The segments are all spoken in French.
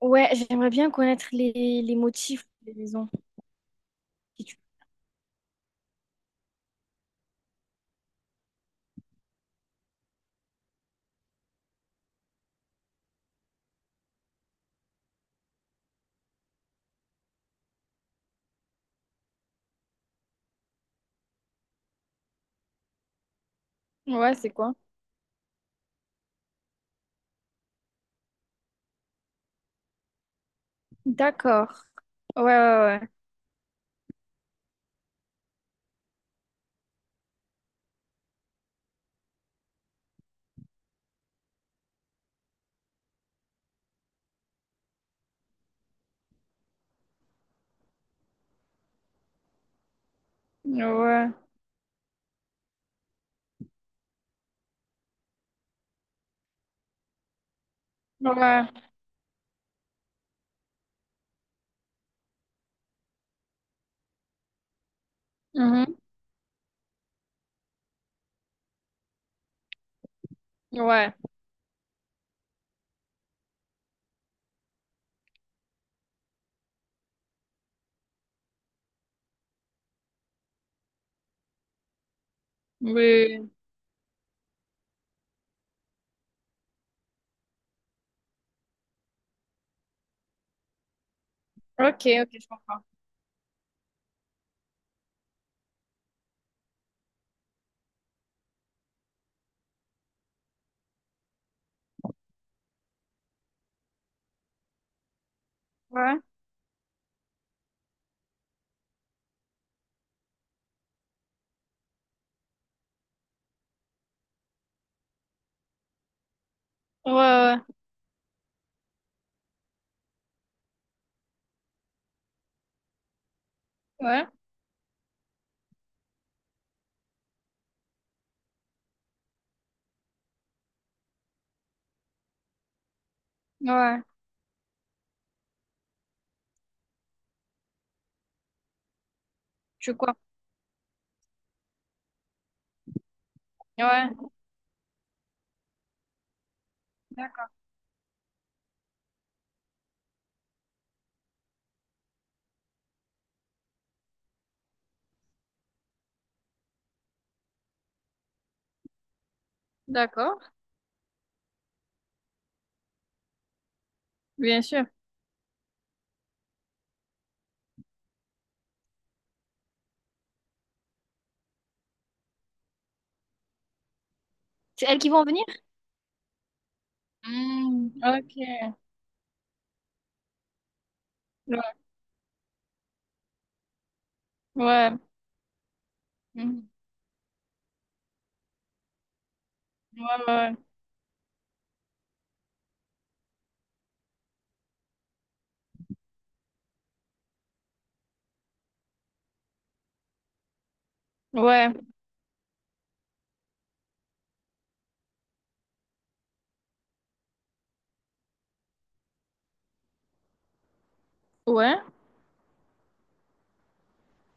Ouais, j'aimerais bien connaître les motifs des maisons. Si tu- Ouais, c'est quoi? D'accord. Ouais, ouais, ouais. Ouais. Ouais. Mhm. Ouais. Oui. Ok, ok, je comprends. Ouais. Ouais, ouais. Ouais. Ouais. Tu veux quoi? Ouais. D'accord. D'accord. Bien sûr. C'est elles qui vont venir? Hmm, ok. Ouais. Ouais. Mhm. Ouais, ouais. Ouais. Ouais. Ouais.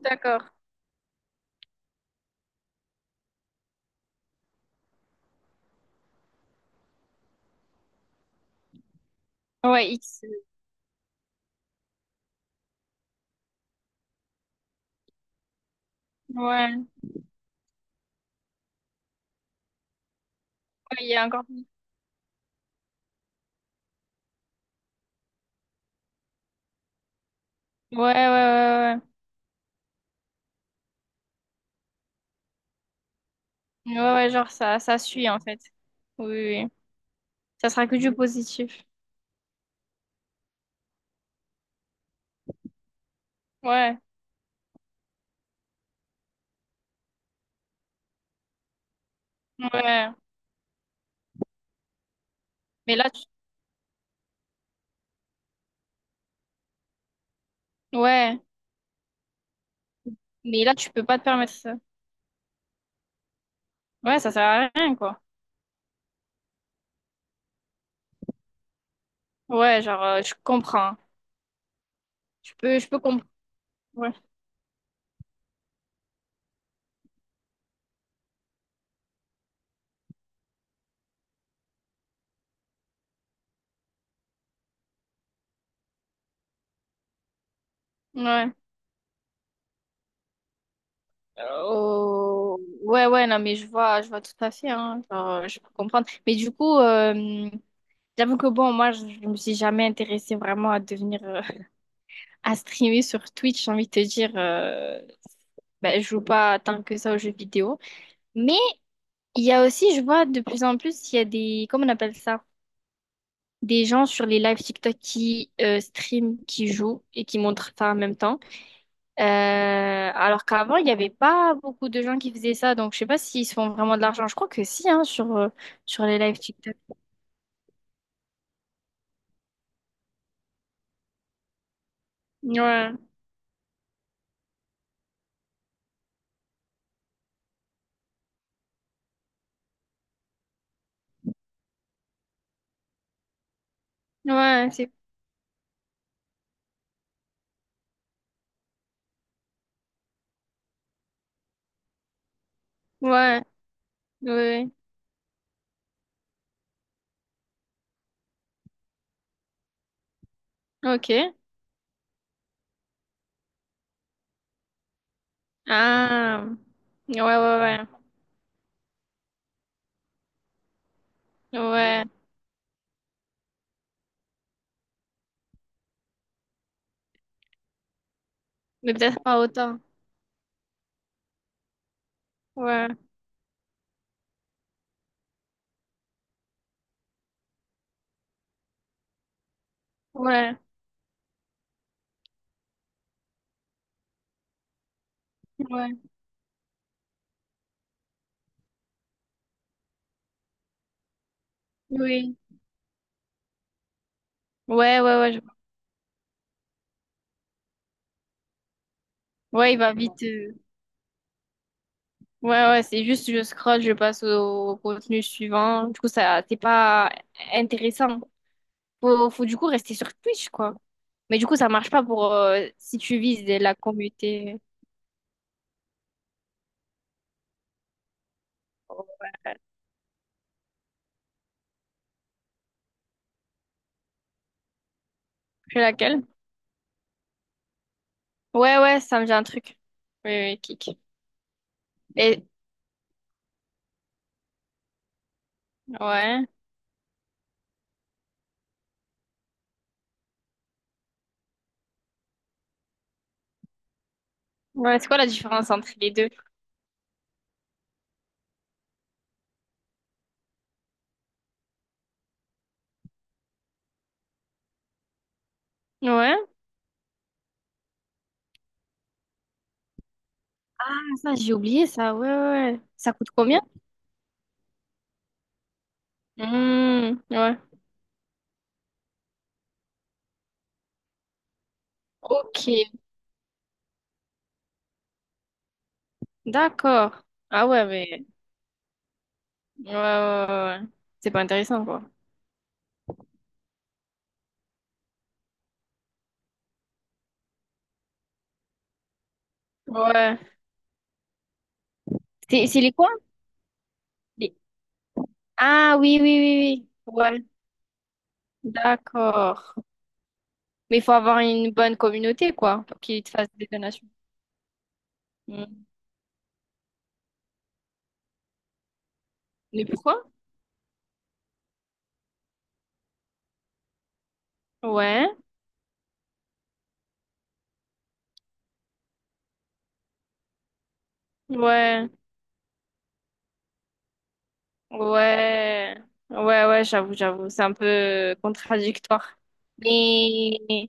D'accord. Ouais, X. Ouais. Ouais, il y a encore plus. Ouais, ouais, ouais, ouais, ouais. Ouais, ouais, genre ça, ça suit en fait. Oui, oui, oui. Ça sera que du positif. Ouais, ouais. Mais là, tu... ouais. Mais là, tu peux pas te permettre ça. Ouais, ça sert à rien, quoi. Ouais, genre, je comprends. Je peux comprendre. Ouais, ouais. Euh, Ouais, ouais, non, mais je vois tout à fait, hein. Genre, je peux comprendre. Mais du coup, j'avoue que bon, moi, je me suis jamais intéressée vraiment à devenir, à streamer sur Twitch, j'ai envie de te dire, ben, je joue pas tant que ça aux jeux vidéo. Mais il y a aussi, je vois de plus en plus, il y a des, comment on appelle ça? Des gens sur les lives TikTok qui stream, qui jouent et qui montrent ça en même temps. Euh, alors qu'avant, il n'y avait pas beaucoup de gens qui faisaient ça, donc je sais pas s'ils se font vraiment de l'argent. Je crois que si, hein, sur, sur les lives TikTok. Ouais, ouais, c'est, ouais, ouais, ouais, ok. Ah, ouais, ouais, ouais, ouais, mais peut-être pas autant. Ouais, ouais, ouais, oui, ouais, ouais, ouais, ouais, il va vite. Ouais, ouais, c'est juste je scrolle, je passe au contenu suivant. Du coup, ça, c'est pas intéressant. Faut, faut du coup rester sur Twitch, quoi. Mais du coup, ça marche pas pour si tu vises la communauté. C'est laquelle? Ouais, ouais, ça me dit un truc. Oui, oui, kick. Et ouais. Ouais, c'est quoi la différence entre les deux? Ouais. Ah, ça, j'ai oublié ça. Ouais, ouais, ouais. Ça coûte combien? Hmm, ouais. Ok, d'accord. Ah ouais, mais. Ouais, ouais, ouais, ouais. C'est pas intéressant, quoi. Ouais. C'est les quoi? Les- Ah oui, oui, oui, oui. Ouais, d'accord. Mais il faut avoir une bonne communauté, quoi, pour qu'ils te fassent des donations. Mm. Mais pourquoi? Ouais, ouais, ouais, ouais, ouais, j'avoue, j'avoue. C'est un peu contradictoire. Mais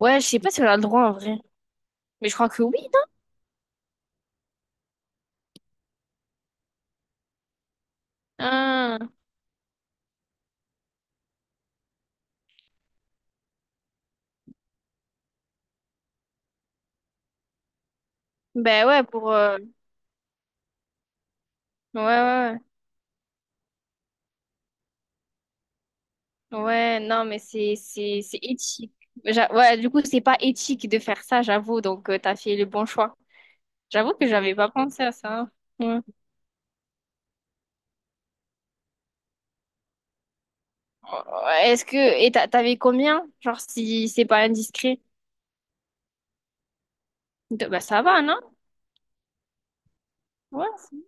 ouais, je sais pas si on a le droit en vrai. Mais je crois que oui. Ah, ben ouais, pour. Ouais, ouais, ouais. Ouais, non, mais c'est c'est éthique. Ouais, du coup, c'est pas éthique de faire ça, j'avoue. Donc, t'as fait le bon choix. J'avoue que j'avais pas pensé à ça. Ouais. Oh, est-ce que... Et t'avais combien? Genre, si c'est pas indiscret. Bah, ça va, non? Ouais.